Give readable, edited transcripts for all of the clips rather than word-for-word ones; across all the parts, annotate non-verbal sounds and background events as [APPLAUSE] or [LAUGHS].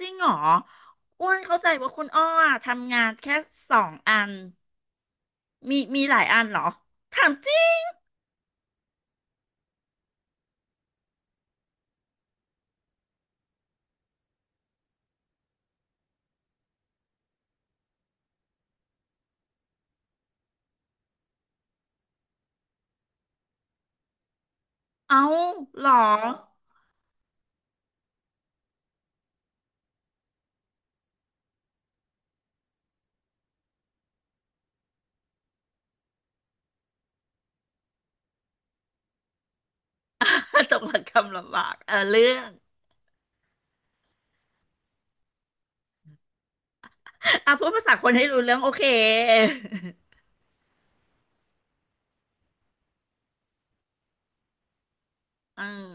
จริงเหรออ้วนเข้าใจว่าคุณอ้ออะทำงานแค่สองอันมีหลายอันเหรอถามจริงเอาเหรอ [LAUGHS] ตกหลักคำลำบากเออเรื่องอ่ะพูดภาษาคนให้รู้เรื่องโอเค [LAUGHS] อืม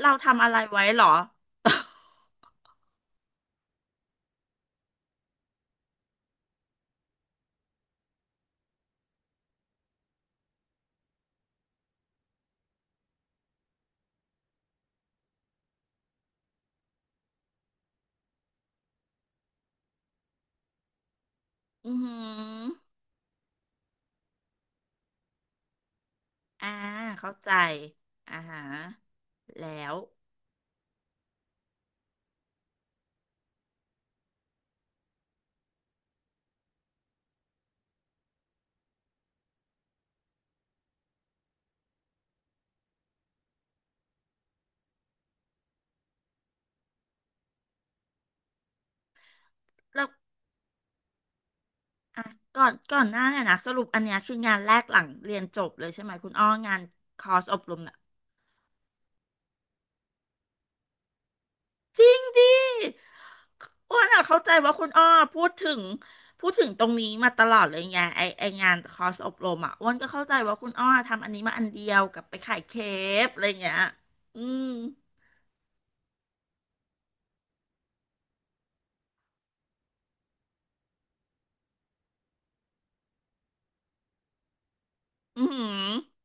เราทำอะไรไว้เหรอ [LAUGHS] อือหืออ่าเข้าใจอ่าฮะแล้วแล้วอ่ะก่อนหน้าเนี่ยนะสรุปอันเนี้ยคืองานแรกหลังเรียนจบเลยใช่ไหมคุณอ้องานคอร์สอบรม จริงดิอ้วนอะเข้าใจว่าคุณอ้อพูดถึงพูดถึงตรงนี้มาตลอดเลยไงไองานคอร์สอบรมอ่ะอ้วนก็เข้าใจว่าคุณอ้อทำอันนี้มาอันเดียวกับไปขายเคปอะไรเงี้ยอืมอืมอห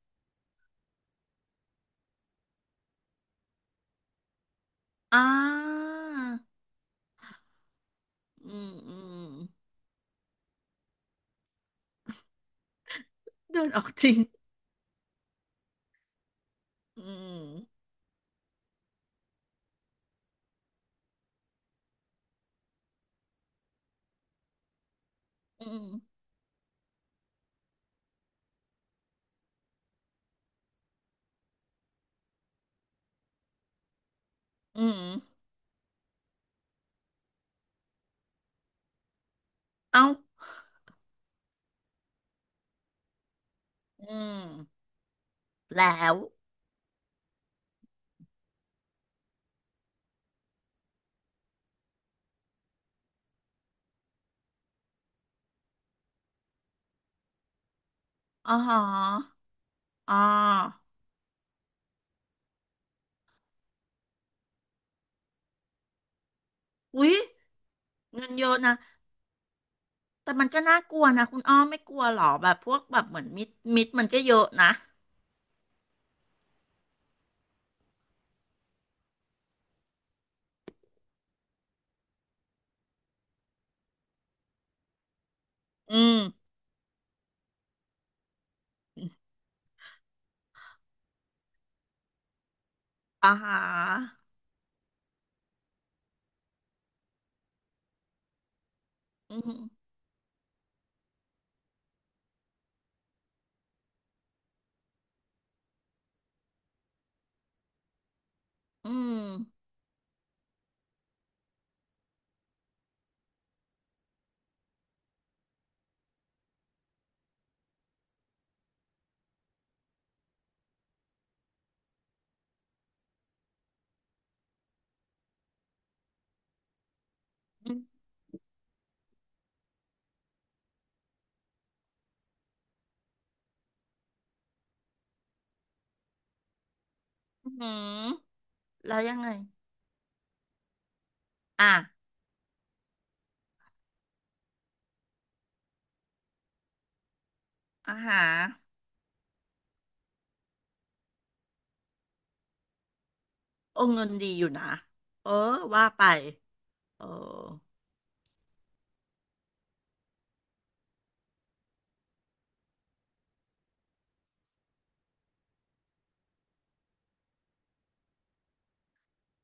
อ่าอืมอืมเดินออกจริงอืมอืมอืมเอ้าอืมแล้วอ๋อฮะอ๋ออุ๊ยเงินเยอะนะ แต่มันก็น่ากลัวนะคุณอ้อมไม่กลัวหรอแบบพวกแบบเหมือนมิดมันก็เยอะนะอืมอ่าฮะอืมอืมอืมอืมแล้วยังไงอ่ะอ่าฮะโอ้เงินดีอยู่นะเออว่าไปเออ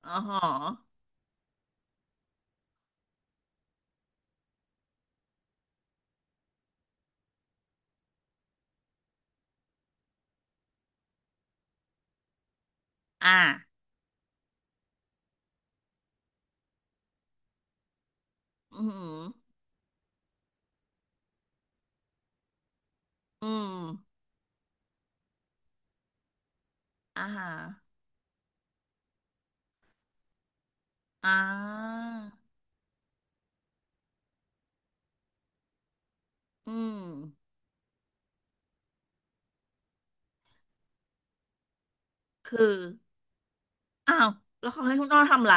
อ๋อหออ่าอืมอืมอ่าฮะอ่าอืมคืออ้าวแล้วเขาให้คุณอ้อทำอะไร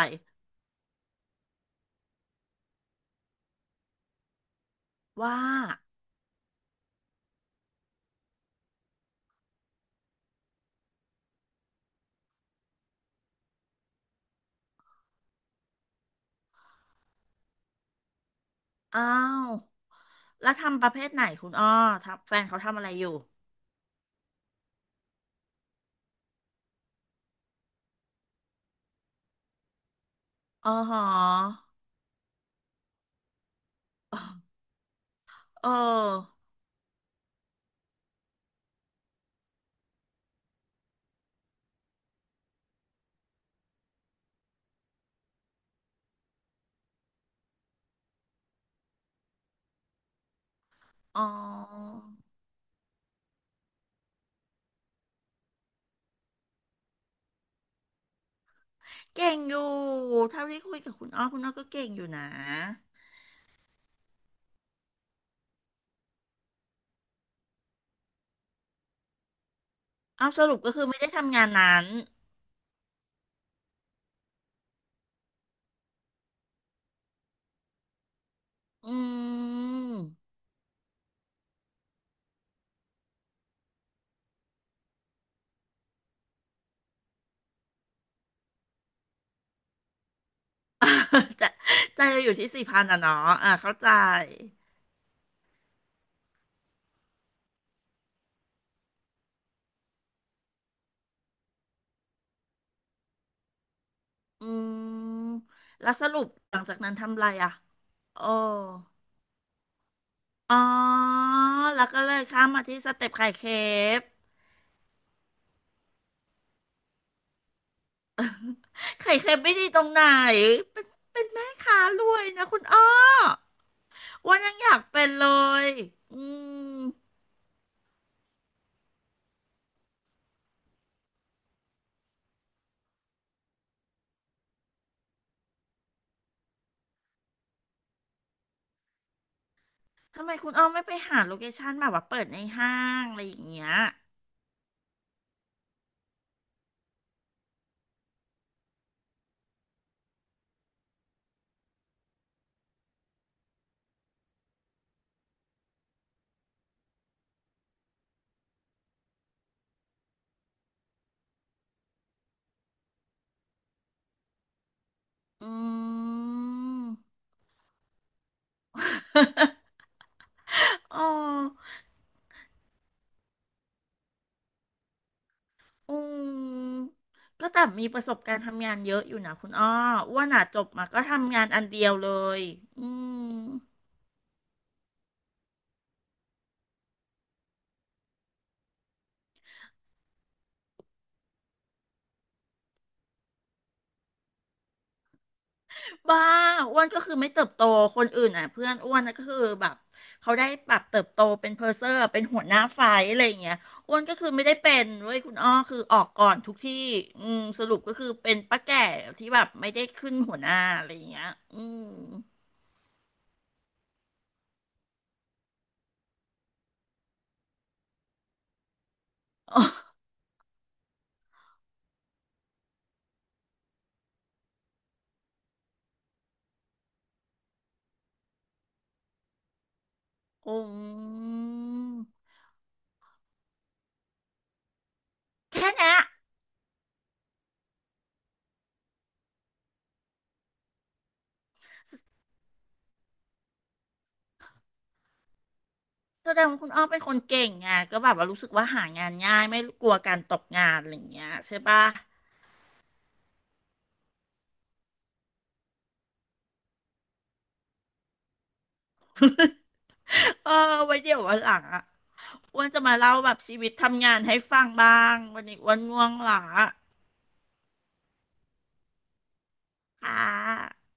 ว่าอ้าว แล้วทำประเภทไหนคุณอ้อทับแฟนเขาทำอะไรอยู่อ๋อหอเอออ๋อเก่งอยู่เท่าที่คุยกับคุณอ้อคุณอ้อก็เก่งอยู่นะเอาสรุปก็คือไม่ได้ทำงานนั้นอืม [LAUGHS] ใจใจเราอยู่ที่สี่พันอ่ะเนาะอ่าเข้าใจอืมแล้วสรุปหลังจากนั้นทำอะไรอ่ะโอ้อ๋อแล้วก็เลยข้ามมาที่สเต็ปไข่เค้ก ไข่เค็มไม่ดีตรงไหนเป็นเป็นแม่ค้ารวยนะคุณอ้ออ้วันยังอยากเป็นเลย อืม ทำไมคุณอ้อไม่ไปหาโลเคชั่นแบบว่าเปิดในห้างอะไรอย่างเงี้ย อืม [LAUGHS] อ๋ออืมก็แต่มีประสบการณ์ทำงานเยอะอยู่นะคุณอ้ออ้วนอ่ะจบมาก็ทำงานอันเดียวเลยอืม บ้าอ้วนก็คือไม่เติบโตคนอื่นอ่ะเพื่อนอ้วนนะก็คือแบบเขาได้ปรับเติบโตเป็นเพอร์เซอร์เป็นหัวหน้าฝ่ายอะไรอย่างเงี้ยอ้วนก็คือไม่ได้เป็นเว้ยคุณอ้อคือออกก่อนทุกที่อืมสรุปก็คือเป็นป้าแก่ที่แบบไม่ได้ขึ้นหัวหน้าอะไรอย่างเงี้ยอืมอ๋ออืมแค่นี้แสดงว่าคุณอ้อเป็นคนเก่งไงก็แบบว่ารู้สึกว่าหางานง่ายไม่กลัวการตกงานอะไรอย่างเงี้ยใช่ปะ เออ ไว้เดี๋ยววันหลังอ่ะอ้วนจะมาเล่าแบบชีวิตทำงานให้ฟังบ้างวันนี้อ้วนง่วงหลาค่ะ